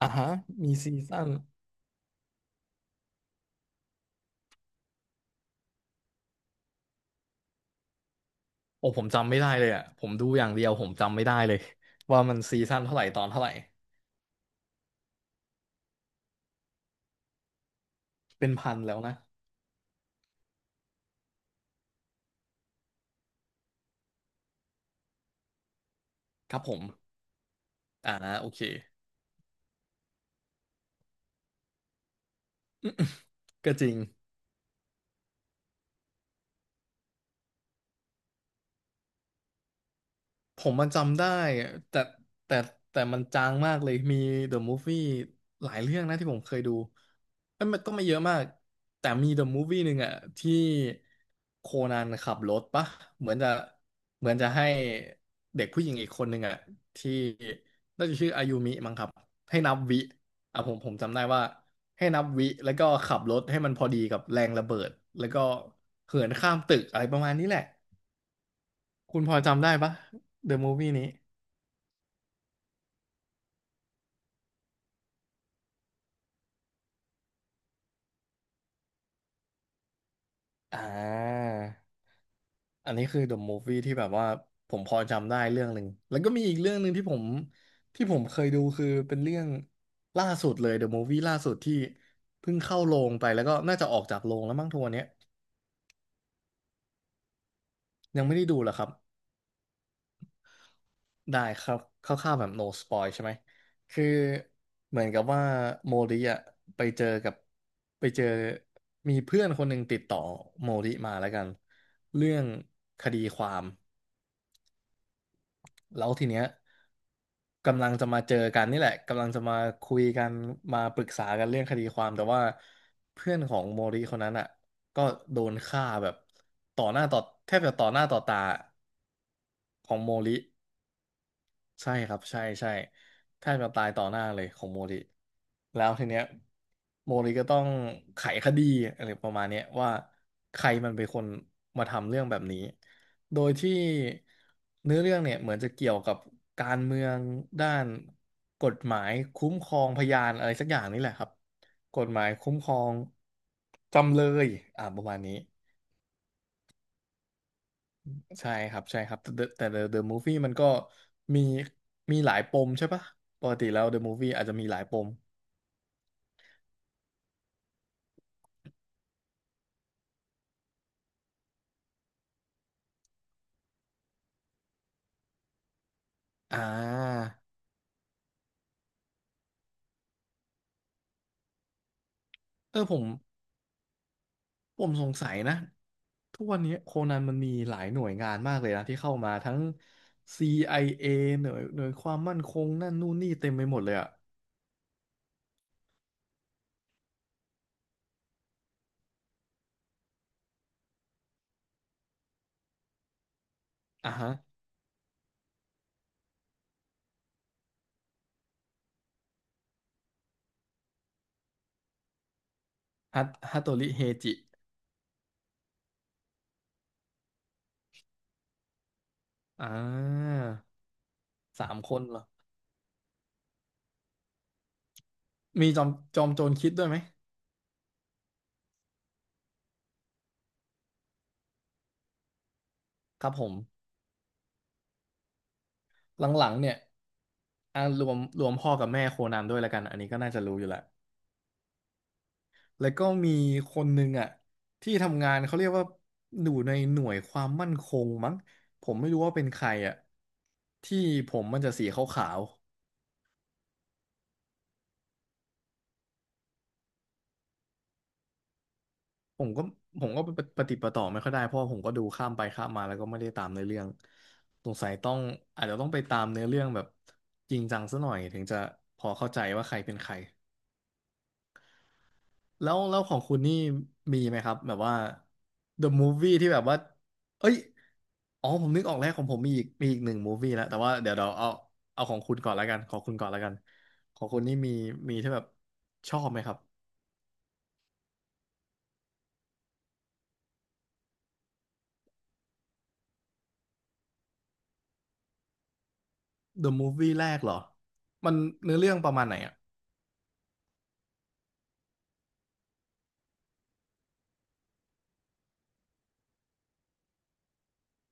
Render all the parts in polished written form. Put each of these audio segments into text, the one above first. อ่าฮะมีซีซั่นโอ้ผมจำไม่ได้เลยอ่ะผมดูอย่างเดียวผมจำไม่ได้เลยว่ามันซีซั่นเท่าไหร่ตอนเท่าไหร่เป็นพันแล้วนะครับผมอ่าโอเค ก็จริง ผมมันจำได้แต่แต่แต่มันจางมากเลยมี The Movie หลายเรื่องนะที่ผมเคยดูเอ้ยมันก็ไม่เยอะมากแต่มี The Movie หนึ่งอะที่โคนันขับรถปะเหมือนจะเหมือนจะให้เด็กผู้หญิงอีกคนหนึ่งอะที่น่าจะชื่ออายุมิมั้งครับให้นับวิอ่ะผมจำได้ว่าให้นับวิแล้วก็ขับรถให้มันพอดีกับแรงระเบิดแล้วก็เหินข้ามตึกอะไรประมาณนี้แหละคุณพอจำได้ปะ The Movie นี้ อ่าอันนี้คือ The Movie ที่แบบว่าผมพอจำได้เรื่องหนึ่ง แล้วก็มีอีกเรื่องหนึ่งที่ผมเคยดูคือเป็นเรื่องล่าสุดเลย The Movie ล่าสุดที่เพิ่งเข้าโรงไปแล้วก็น่าจะออกจากโรงแล้วมั้งทัวร์เนี้ยยังไม่ได้ดูเหรอครับได้ครับคร่าวๆแบบ no spoil ใช่ไหมคือเหมือนกับว่าโมริอะไปเจอกับไปเจอมีเพื่อนคนหนึ่งติดต่อโมริมาแล้วกันเรื่องคดีความ แล้วทีเนี้ยกำลังจะมาเจอกันนี่แหละกำลังจะมาคุยกันมาปรึกษากันเรื่องคดีความแต่ว่าเพื่อนของโมริคนนั้นอ่ะก็โดนฆ่าแบบต่อหน้าต่อแทบจะต่อหน้าต่อตาของโมริ ใช่ครับใช่ใช่แทบจะตายต่อหน้าเลยของโมริแล้วทีเนี้ยโมริก็ต้องไขคดีอะไรประมาณเนี้ยว่าใครมันเป็นคนมาทำเรื่องแบบนี้โดยที่เนื้อเรื่องเนี่ยเหมือนจะเกี่ยวกับการเมืองด้านกฎหมายคุ้มครองพยานอะไรสักอย่างนี่แหละครับกฎหมายคุ้มครองจำเลยอ่าประมาณนี้ ใช่ครับใช่ครับแต่ The- แต่ The Movie มันก็มีมีหลายปมใช่ปะปกติแล้ว The Movie อาจจะมีหลายปมอ่าเออผมสงสัยนะทุกวันนี้โคนันมันมีหลายหน่วยงานมากเลยนะที่เข้ามาทั้ง CIA หน่วยความมั่นคงนั่นนู่นนี่เต็มไปหมดเลยอะอ่ะฮะฮัตโตริเฮจิอ่าสามคนเหรอมีจอมโจรคิดด้วยไหมครับผม หลังๆเนี่ยอ่ารวมพ่อกับแม่โคนันด้วยแล้วกันอันนี้ก็น่าจะรู้อยู่แหละแล้วก็มีคนหนึ่งอ่ะที่ทำงานเขาเรียกว่าอยู่ในหน่วยความมั่นคงมั้งผมไม่รู้ว่าเป็นใครอ่ะที่ผมมันจะสีขาวๆผมก็ปฏิดปะต่อไม่ค่อยได้เพราะว่าผมก็ดูข้ามไปข้ามมาแล้วก็ไม่ได้ตามเนื้อเรื่องสงสัยต้องอาจจะต้องไปตามเนื้อเรื่องแบบจริงจังซะหน่อยถึงจะพอเข้าใจว่าใครเป็นใคร แล้วของคุณนี่มีไหมครับแบบว่า The Movie ที่แบบว่าเอ้ยอ๋อผมนึกออกแล้วของผมมีอีกมีอีกหนึ่ง movie แล้วแต่ว่าเดี๋ยวเราเอาเอาของคุณก่อนแล้วกันของคุณก่อนแล้วกันของคุณนี่มีมีที่แบบชอบไหมครับ The Movie แรกเหรอมันเนื้อเรื่องประมาณไหนอ่ะ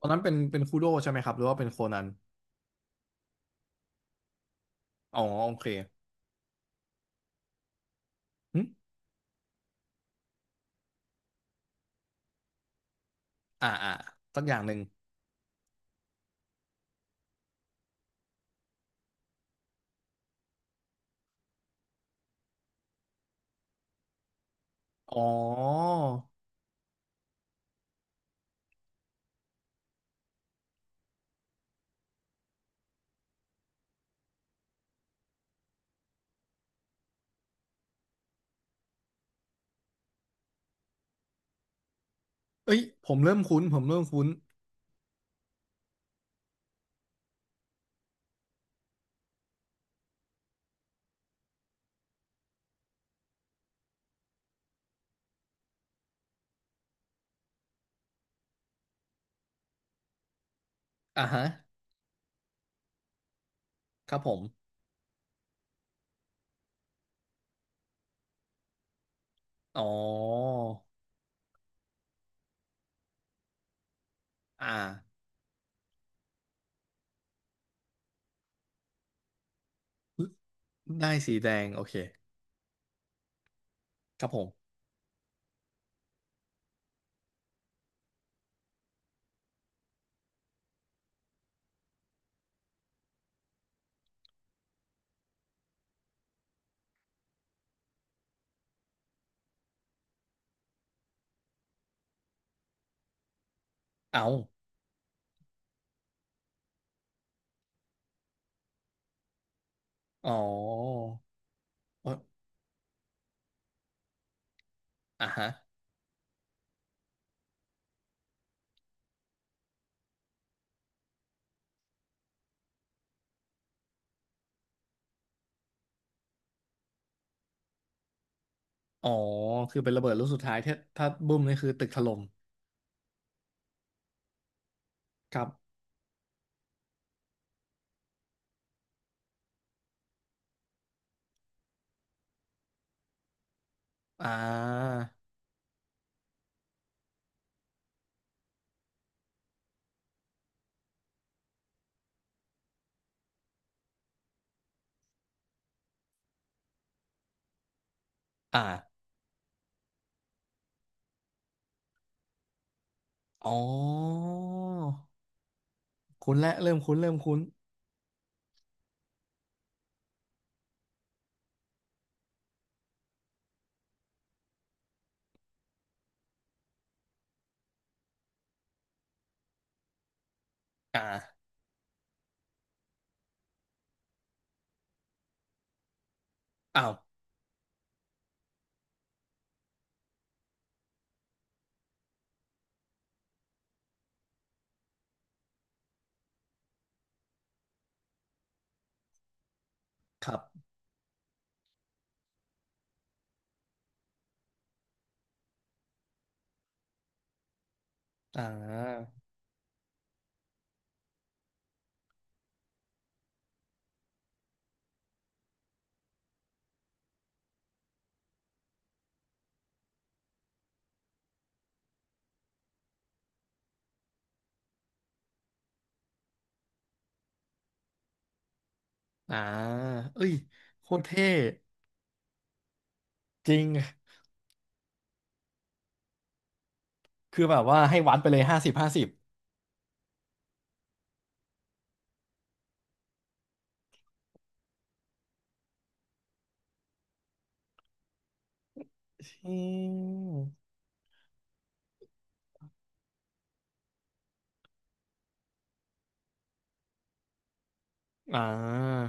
ตอนนั้นเป็นเป็นคูโดใช่ไหมครับหรือว่าเป็นโคนันอ๋อโอเคหึอ่าอ่าสักอย่างหนึ่งอ๋อเอ้ยผมเริ่มคุ้นผมเริ่มคุ้นอ่าฮะครับผมอ๋อ อ่าได้สีแดงโอเคครับผมเอาอ๋อเอ้ยอ่ะฮะอ๋อคือเป็นระเบิดลูกสุดท้ายถ้าถ้าบุ้มนี่คือตึกถล่มครับอ่าอ่าอ๋อคุ้นและเริ่มคุ้นเริ่มคุ้นอ่าอ้าวครับอ่าอ่าเอ้ยโคตรเท่จริงคือแบบว่าให้วัดไปเลยห้าสิบห้าสิบอืมอ่า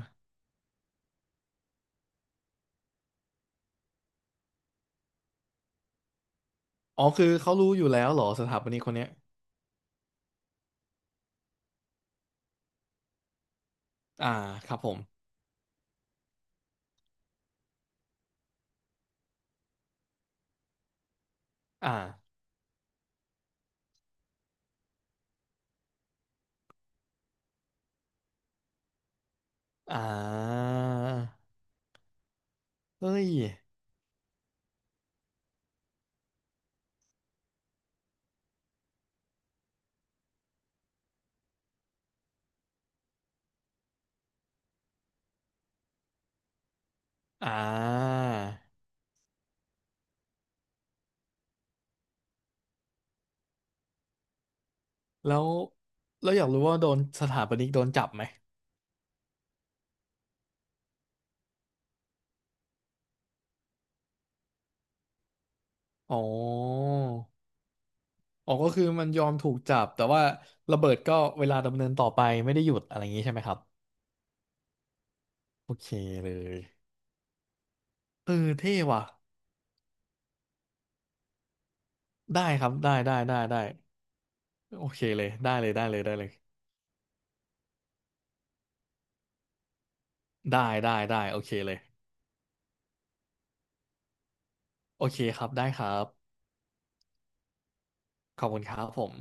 อ๋อคือเขารู้อยู่แล้วเหรอสถาปนิกคนเนี้ยอ่าครับผม อ่าอ่าเฮ้ย อ่าแล้วแล้วอยากรู้ว่าโดนสถาปนิกโดนจับไหมอ๋ออ๋อก็คือมันยอมถูกจับแต่ว่าระเบิดก็เวลาดำเนินต่อไปไม่ได้หยุดอะไรอย่างนี้ใช่ไหมครับโอเคเลยเออเท่ว่ะได้ครับได้ได้ได้ได้โอเคเลยได้เลยได้เลยได้เลยได้ได้ได้โอเคเลยโอเคครับได้ครับขอบคุณครับผม